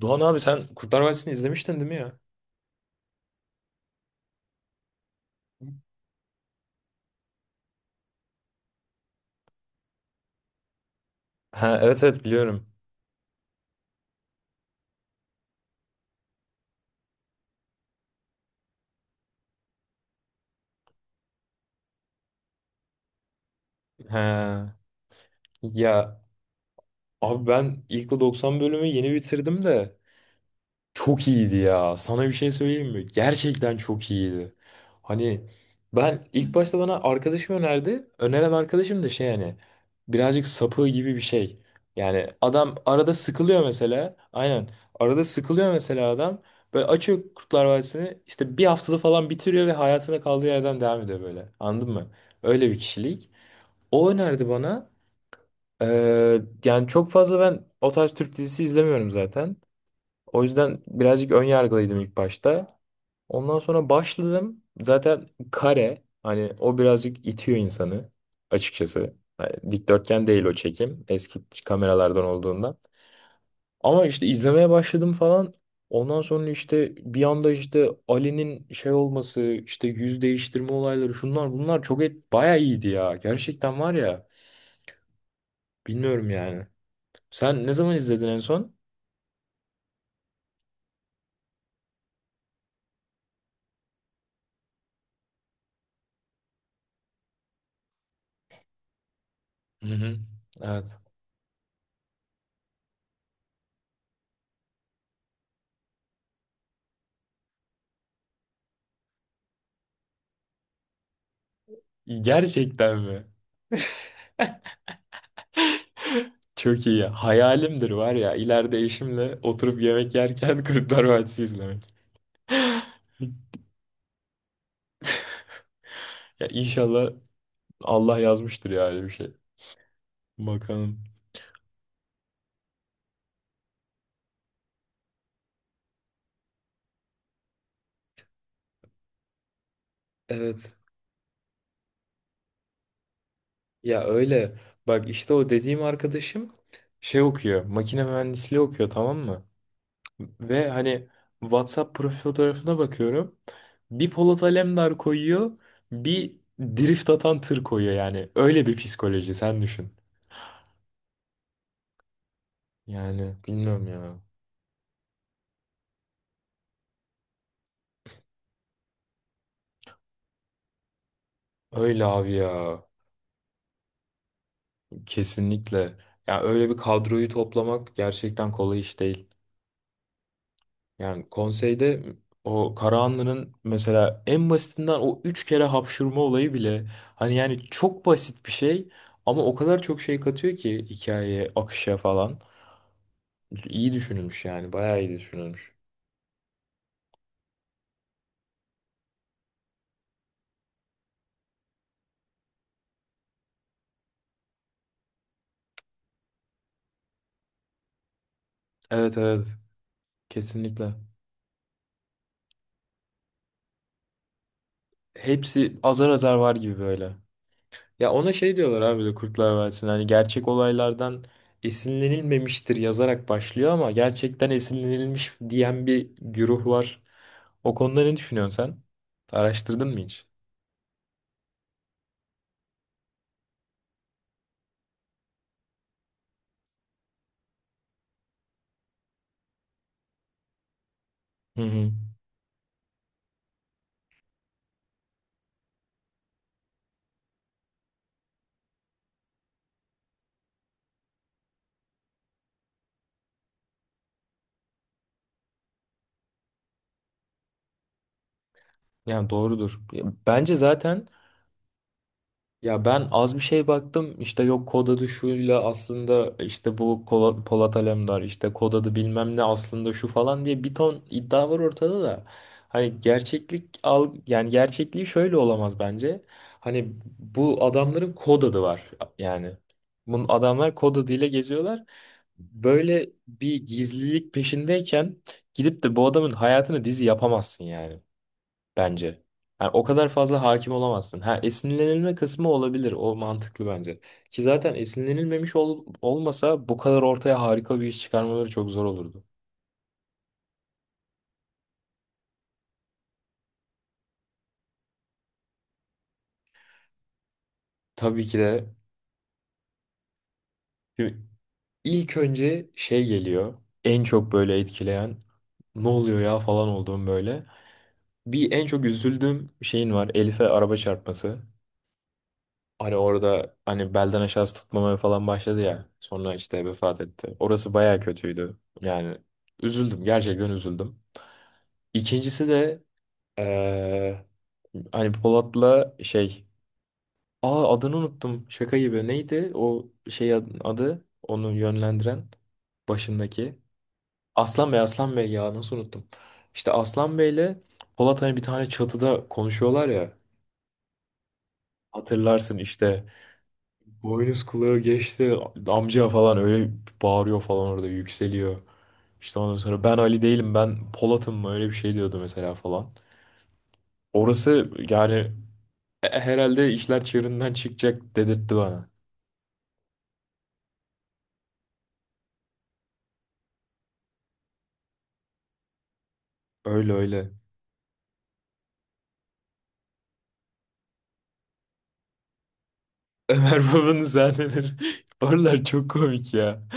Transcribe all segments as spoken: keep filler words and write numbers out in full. Doğan abi sen Kurtlar Vadisi'ni izlemiştin değil mi ya? Ha, evet evet biliyorum. Ha, ya abi ben ilk o doksan bölümü yeni bitirdim de çok iyiydi ya. Sana bir şey söyleyeyim mi? Gerçekten çok iyiydi. Hani ben ilk başta bana arkadaşım önerdi. Öneren arkadaşım da şey, hani birazcık sapığı gibi bir şey. Yani adam arada sıkılıyor mesela. Aynen. Arada sıkılıyor mesela adam. Böyle açıyor Kurtlar Vadisi'ni. İşte bir haftada falan bitiriyor ve hayatına kaldığı yerden devam ediyor böyle. Anladın mı? Öyle bir kişilik. O önerdi bana. Ee, yani çok fazla ben o tarz Türk dizisi izlemiyorum zaten. O yüzden birazcık ön yargılıydım ilk başta. Ondan sonra başladım. Zaten kare, hani o birazcık itiyor insanı açıkçası. Yani dikdörtgen değil o çekim, eski kameralardan olduğundan. Ama işte izlemeye başladım falan. Ondan sonra işte bir anda işte Ali'nin şey olması, işte yüz değiştirme olayları, şunlar bunlar çok et bayağı iyiydi ya. Gerçekten var ya, bilmiyorum yani. Sen ne zaman izledin en son? Hı hı. Evet. Gerçekten mi? Çok iyi. Hayalimdir var ya, ileride eşimle oturup yemek yerken Kurtlar Vadisi izlemek. Ya inşallah, Allah yazmıştır yani bir şey. Bakalım. Evet. Ya öyle. Bak işte o dediğim arkadaşım şey okuyor. Makine mühendisliği okuyor, tamam mı? Ve hani WhatsApp profil fotoğrafına bakıyorum. Bir Polat Alemdar koyuyor. Bir drift atan tır koyuyor yani. Öyle bir psikoloji sen düşün. Yani bilmiyorum ya. Öyle abi ya. Kesinlikle. Yani öyle bir kadroyu toplamak gerçekten kolay iş değil. Yani konseyde o Karahanlı'nın mesela en basitinden o üç kere hapşırma olayı bile, hani yani çok basit bir şey, ama o kadar çok şey katıyor ki hikayeye, akışa falan. İyi düşünülmüş yani, bayağı iyi düşünülmüş. Evet evet, kesinlikle. Hepsi azar azar var gibi böyle. Ya ona şey diyorlar abi de, Kurtlar Vadisi'nde hani gerçek olaylardan esinlenilmemiştir yazarak başlıyor ama gerçekten esinlenilmiş diyen bir güruh var. O konuda ne düşünüyorsun sen? Araştırdın mı hiç? Hı hı. Yani doğrudur. Ya bence zaten. Ya ben az bir şey baktım, işte yok kod adı şuyla, aslında işte bu Kola- Polat Alemdar işte kod adı bilmem ne, aslında şu falan diye bir ton iddia var ortada da. Hani gerçeklik al, yani gerçekliği şöyle olamaz bence. Hani bu adamların kod adı var yani. Bu adamlar kod adıyla geziyorlar. Böyle bir gizlilik peşindeyken gidip de bu adamın hayatını dizi yapamazsın yani, bence. Yani o kadar fazla hakim olamazsın. Ha, esinlenilme kısmı olabilir. O mantıklı bence. Ki zaten esinlenilmemiş ol- olmasa bu kadar ortaya harika bir iş çıkarmaları çok zor olurdu. Tabii ki de şimdi ilk önce şey geliyor. En çok böyle etkileyen ne oluyor ya falan olduğum böyle. Bir en çok üzüldüğüm şeyin var: Elif'e araba çarpması. Hani orada hani belden aşağısı tutmamaya falan başladı ya. Sonra işte vefat etti. Orası baya kötüydü. Yani üzüldüm. Gerçekten üzüldüm. İkincisi de eee, hani Polat'la şey. Aa, adını unuttum. Şaka gibi. Neydi o şey ad- adı? Onu yönlendiren, başındaki. Aslan Bey, Aslan Bey ya, nasıl unuttum. İşte Aslan Bey'le Polat hani bir tane çatıda konuşuyorlar ya. Hatırlarsın işte. Boynuz kulağı geçti. Amca falan öyle bağırıyor falan, orada yükseliyor. İşte ondan sonra ben Ali değilim, ben Polat'ım mı öyle bir şey diyordu mesela falan. Orası yani, e- herhalde işler çığırından çıkacak dedirtti bana. Öyle öyle. Ömer Baba'nın sahneleri oralar çok komik ya.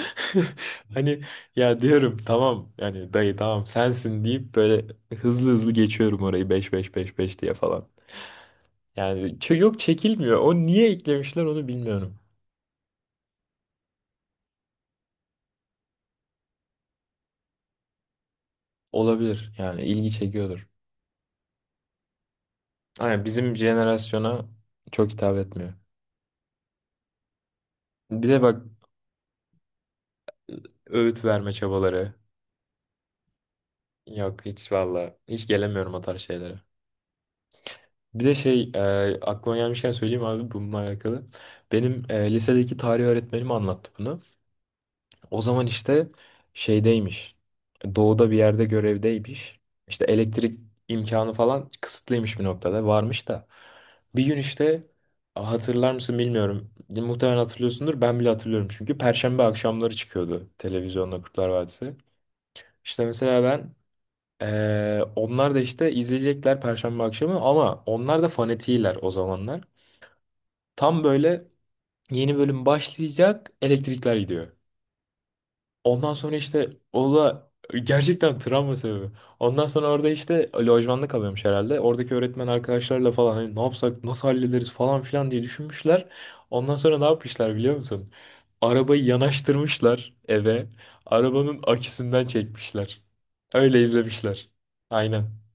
Hani ya, diyorum tamam yani dayı tamam sensin deyip böyle hızlı hızlı geçiyorum orayı, beş beş beş beş diye falan. Yani ç- yok, çekilmiyor. O niye eklemişler onu bilmiyorum. Olabilir yani, ilgi çekiyordur. Aynen, bizim jenerasyona çok hitap etmiyor. Bir de bak öğüt verme çabaları. Yok hiç valla, hiç gelemiyorum o tarz şeylere. Bir de şey, e, aklıma gelmişken söyleyeyim abi bununla alakalı. Benim e, lisedeki tarih öğretmenim anlattı bunu. O zaman işte şeydeymiş. Doğuda bir yerde görevdeymiş. İşte elektrik imkanı falan kısıtlıymış bir noktada. Varmış da. Bir gün işte, hatırlar mısın bilmiyorum. Muhtemelen hatırlıyorsundur. Ben bile hatırlıyorum çünkü. Perşembe akşamları çıkıyordu televizyonda Kurtlar Vadisi. İşte mesela ben eee, onlar da işte izleyecekler Perşembe akşamı, ama onlar da fanatiler o zamanlar. Tam böyle yeni bölüm başlayacak, elektrikler gidiyor. Ondan sonra işte o da gerçekten travma sebebi. Ondan sonra orada işte lojmanda kalıyormuş herhalde. Oradaki öğretmen arkadaşlarla falan hani ne yapsak nasıl hallederiz falan filan diye düşünmüşler. Ondan sonra ne yapmışlar biliyor musun? Arabayı yanaştırmışlar eve. Arabanın aküsünden çekmişler. Öyle izlemişler. Aynen.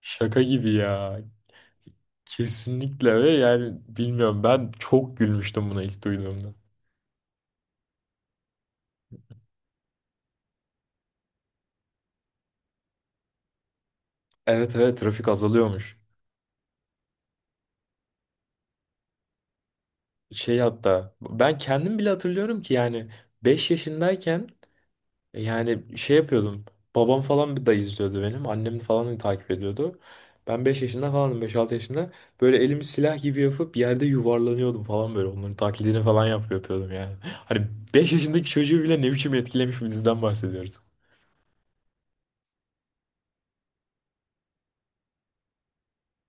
Şaka gibi ya. Kesinlikle, ve yani bilmiyorum, ben çok gülmüştüm buna ilk duyduğumda. Evet evet, trafik azalıyormuş. Şey, hatta ben kendim bile hatırlıyorum ki yani beş yaşındayken e, yani şey yapıyordum. Babam falan bir da izliyordu benim. Annem falan da takip ediyordu. Ben beş yaşında falanım, beş altı yaşında. Böyle elimi silah gibi yapıp yerde yuvarlanıyordum falan böyle. Onların taklidini falan yap yapıyordum yani. Hani beş yaşındaki çocuğu bile ne biçim etkilemiş bir diziden bahsediyoruz.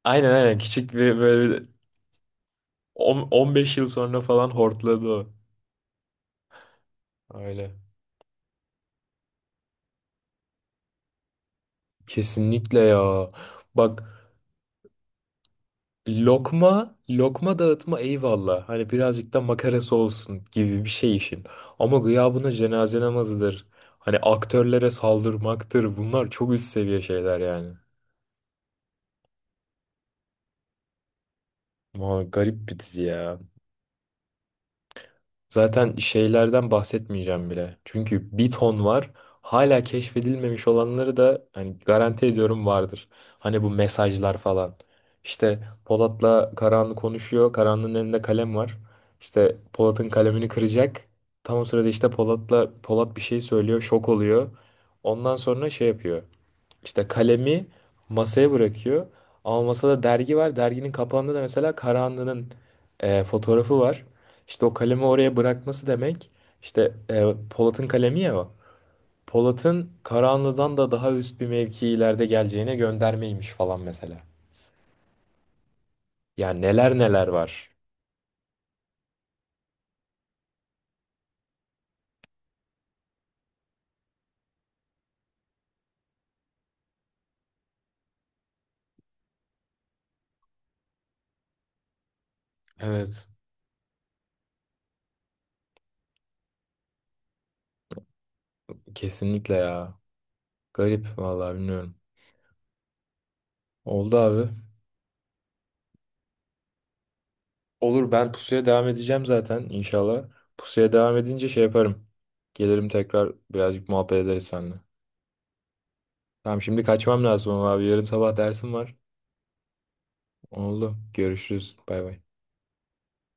Aynen aynen, küçük bir böyle on- 15 yıl sonra falan hortladı o. Öyle. Kesinlikle ya. Bak, lokma, lokma dağıtma, eyvallah. Hani birazcık da makarası olsun gibi bir şey işin. Ama gıya buna cenaze namazıdır. Hani aktörlere saldırmaktır. Bunlar çok üst seviye şeyler yani. Vay, garip bir dizi ya. Zaten şeylerden bahsetmeyeceğim bile. Çünkü bir ton var. Hala keşfedilmemiş olanları da hani garanti ediyorum vardır. Hani bu mesajlar falan. İşte Polat'la Karahanlı konuşuyor. Karahanlı'nın elinde kalem var. İşte Polat'ın kalemini kıracak. Tam o sırada işte Polat'la Polat bir şey söylüyor. Şok oluyor. Ondan sonra şey yapıyor. İşte kalemi masaya bırakıyor. Ama masada dergi var. Derginin kapağında da mesela Karahanlı'nın e, fotoğrafı var. İşte o kalemi oraya bırakması demek. İşte e, Polat'ın kalemi ya o. Polat'ın Karahanlı'dan da daha üst bir mevki ileride geleceğine göndermeymiş falan mesela. Yani neler neler var. Evet. Kesinlikle ya. Garip vallahi bilmiyorum. Oldu abi. Olur, ben pusuya devam edeceğim zaten inşallah. Pusuya devam edince şey yaparım. Gelirim tekrar, birazcık muhabbet ederiz seninle. Tamam, şimdi kaçmam lazım ama abi yarın sabah dersim var. Oldu. Görüşürüz. Bay bay.